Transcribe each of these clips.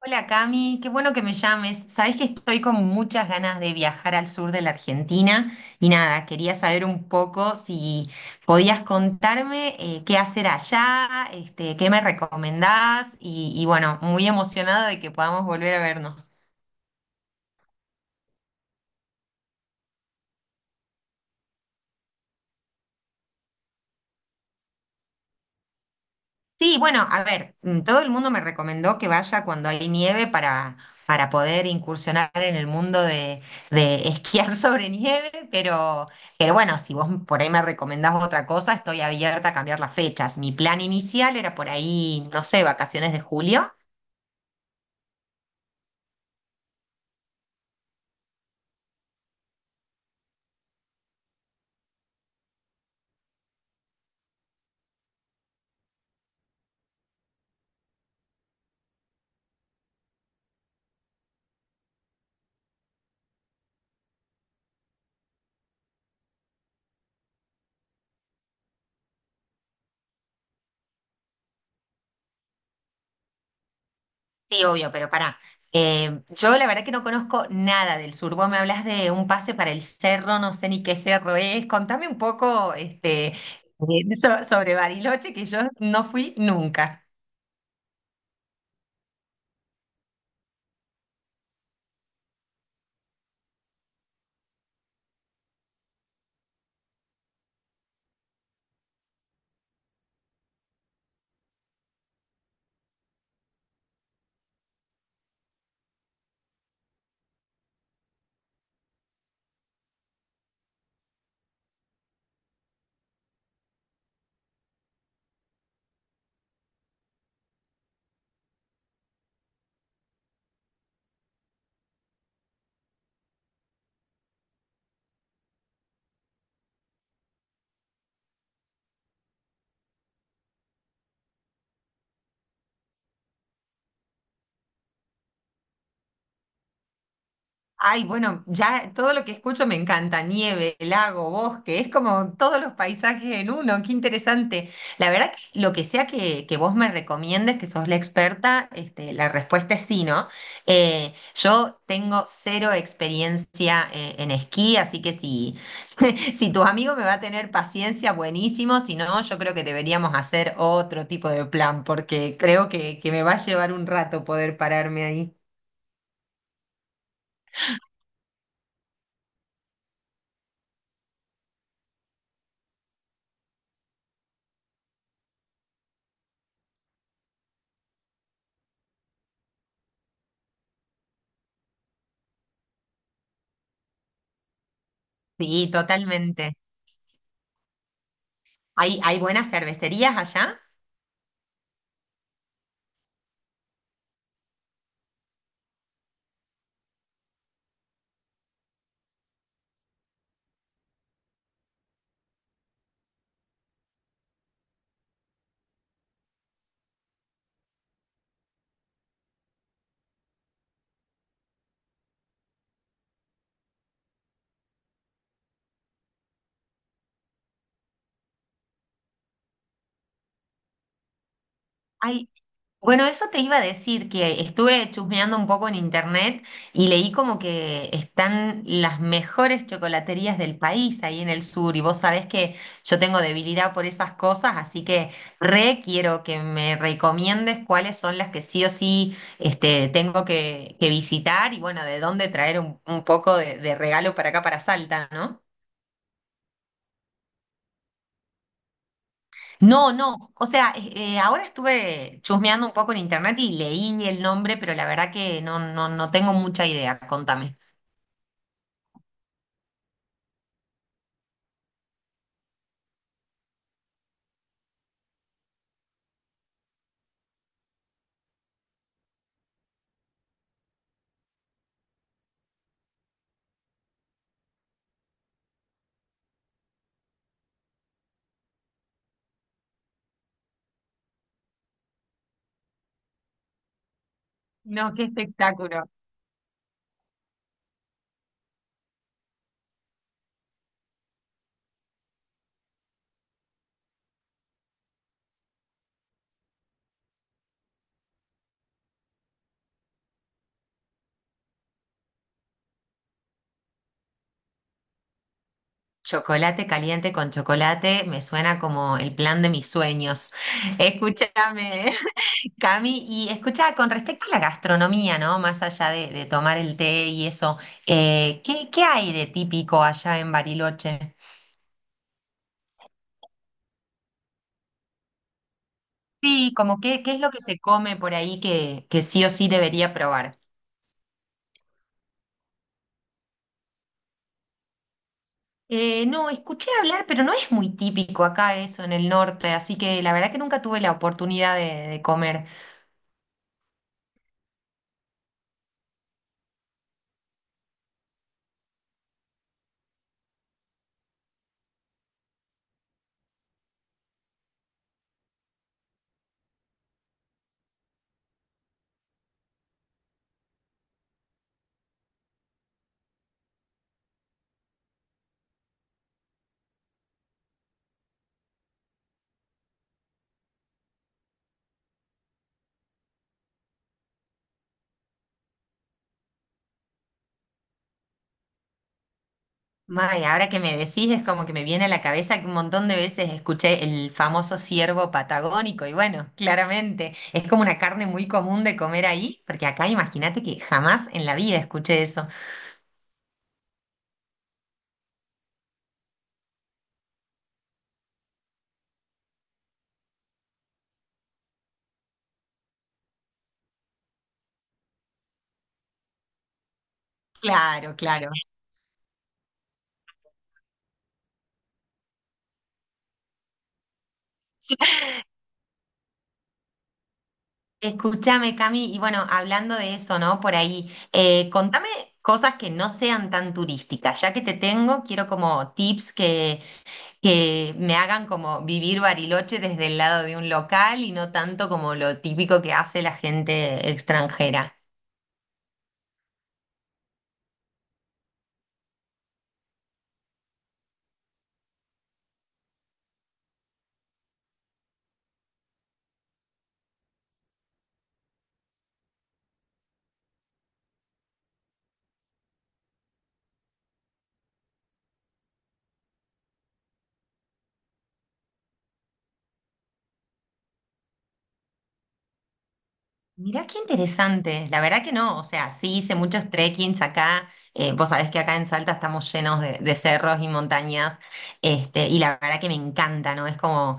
Hola Cami, qué bueno que me llames. Sabés que estoy con muchas ganas de viajar al sur de la Argentina y nada, quería saber un poco si podías contarme qué hacer allá, este, qué me recomendás y bueno, muy emocionada de que podamos volver a vernos. Sí, bueno, a ver, todo el mundo me recomendó que vaya cuando hay nieve para poder incursionar en el mundo de esquiar sobre nieve, pero bueno, si vos por ahí me recomendás otra cosa, estoy abierta a cambiar las fechas. Mi plan inicial era por ahí, no sé, vacaciones de julio. Sí, obvio, pero pará. Yo la verdad que no conozco nada del sur. Vos me hablas de un pase para el cerro, no sé ni qué cerro es. Contame un poco, este, sobre Bariloche, que yo no fui nunca. Ay, bueno, ya todo lo que escucho me encanta, nieve, lago, bosque, es como todos los paisajes en uno, qué interesante. La verdad que lo que sea que vos me recomiendes, que sos la experta, este, la respuesta es sí, ¿no? Yo tengo cero experiencia en esquí, así que si, si tus amigos me va a tener paciencia, buenísimo, si no, yo creo que deberíamos hacer otro tipo de plan, porque creo que me va a llevar un rato poder pararme ahí. Sí, totalmente. ¿Hay, hay buenas cervecerías allá? Ay, bueno, eso te iba a decir, que estuve chusmeando un poco en internet y leí como que están las mejores chocolaterías del país ahí en el sur y vos sabés que yo tengo debilidad por esas cosas, así que re quiero que me recomiendes cuáles son las que sí o sí este, tengo que visitar y bueno, de dónde traer un poco de regalo para acá, para Salta, ¿no? No, no. O sea, ahora estuve chusmeando un poco en internet y leí el nombre, pero la verdad que no, no, no tengo mucha idea. Contame. No, qué espectáculo. Chocolate caliente con chocolate me suena como el plan de mis sueños. Escúchame, Cami, y escucha, con respecto a la gastronomía, ¿no? Más allá de tomar el té y eso, ¿qué, qué hay de típico allá en Bariloche? Sí, como qué, qué es lo que se come por ahí que sí o sí debería probar. No, escuché hablar, pero no es muy típico acá eso en el norte, así que la verdad que nunca tuve la oportunidad de comer. May, ahora que me decís es como que me viene a la cabeza que un montón de veces escuché el famoso ciervo patagónico y bueno, claramente es como una carne muy común de comer ahí, porque acá imagínate que jamás en la vida escuché eso. Claro, claro. Escúchame, Cami, y bueno, hablando de eso, ¿no? Por ahí, contame cosas que no sean tan turísticas, ya que te tengo, quiero como tips que me hagan como vivir Bariloche desde el lado de un local y no tanto como lo típico que hace la gente extranjera. Mirá qué interesante, la verdad que no, o sea, sí hice muchos trekkings acá, vos sabés que acá en Salta estamos llenos de cerros y montañas, este, y la verdad que me encanta, ¿no? Es como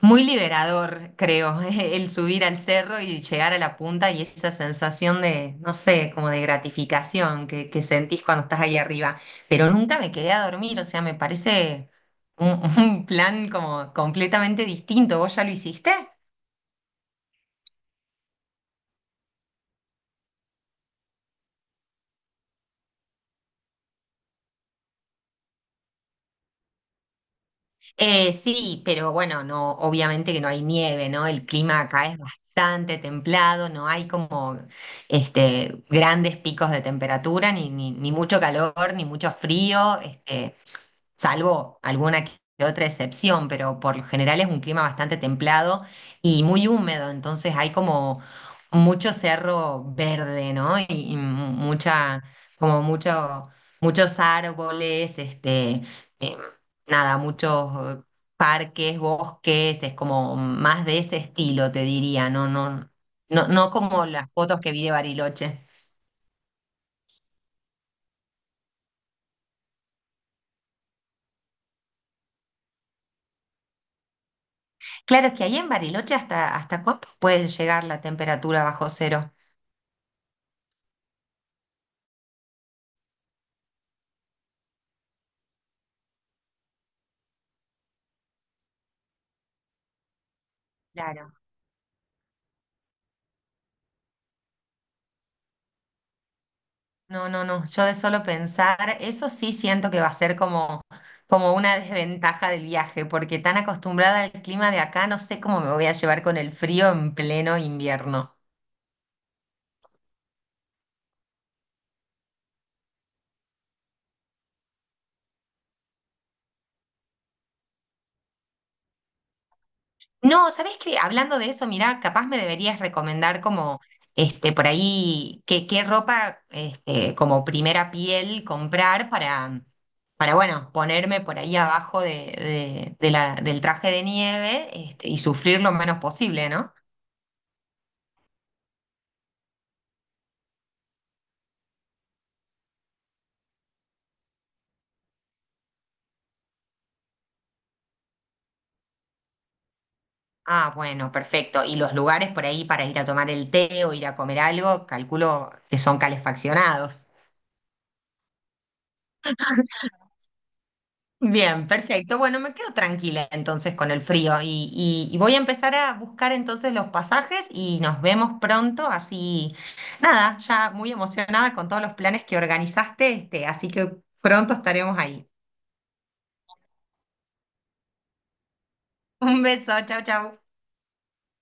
muy liberador, creo, el subir al cerro y llegar a la punta y esa sensación de, no sé, como de gratificación que sentís cuando estás ahí arriba. Pero nunca me quedé a dormir, o sea, me parece un, un plan como completamente distinto. ¿Vos ya lo hiciste? Sí, pero bueno, no, obviamente que no hay nieve, ¿no? El clima acá es bastante templado, no hay como este, grandes picos de temperatura, ni mucho calor, ni mucho frío. Este, salvo alguna que otra excepción, pero por lo general es un clima bastante templado y muy húmedo, entonces hay como mucho cerro verde, ¿no? Y como mucho, muchos árboles, este, eh, nada, muchos parques, bosques, es como más de ese estilo, te diría, no, no, no, no como las fotos que vi de Bariloche. Claro, es que ahí en Bariloche hasta, hasta cuánto puede llegar la temperatura bajo cero. Claro. No, no, no. Yo de solo pensar, eso sí siento que va a ser como, como una desventaja del viaje, porque tan acostumbrada al clima de acá, no sé cómo me voy a llevar con el frío en pleno invierno. No, ¿sabés qué? Hablando de eso, mirá, capaz me deberías recomendar como, este, por ahí, qué, qué ropa, este, como primera piel comprar para, bueno, ponerme por ahí abajo de, del traje de nieve, este, y sufrir lo menos posible, ¿no? Ah, bueno, perfecto. Y los lugares por ahí para ir a tomar el té o ir a comer algo, calculo que son calefaccionados. Bien, perfecto. Bueno, me quedo tranquila entonces con el frío y, y voy a empezar a buscar entonces los pasajes y nos vemos pronto. Así, nada, ya muy emocionada con todos los planes que organizaste, este, así que pronto estaremos ahí. Un beso, chau, chau.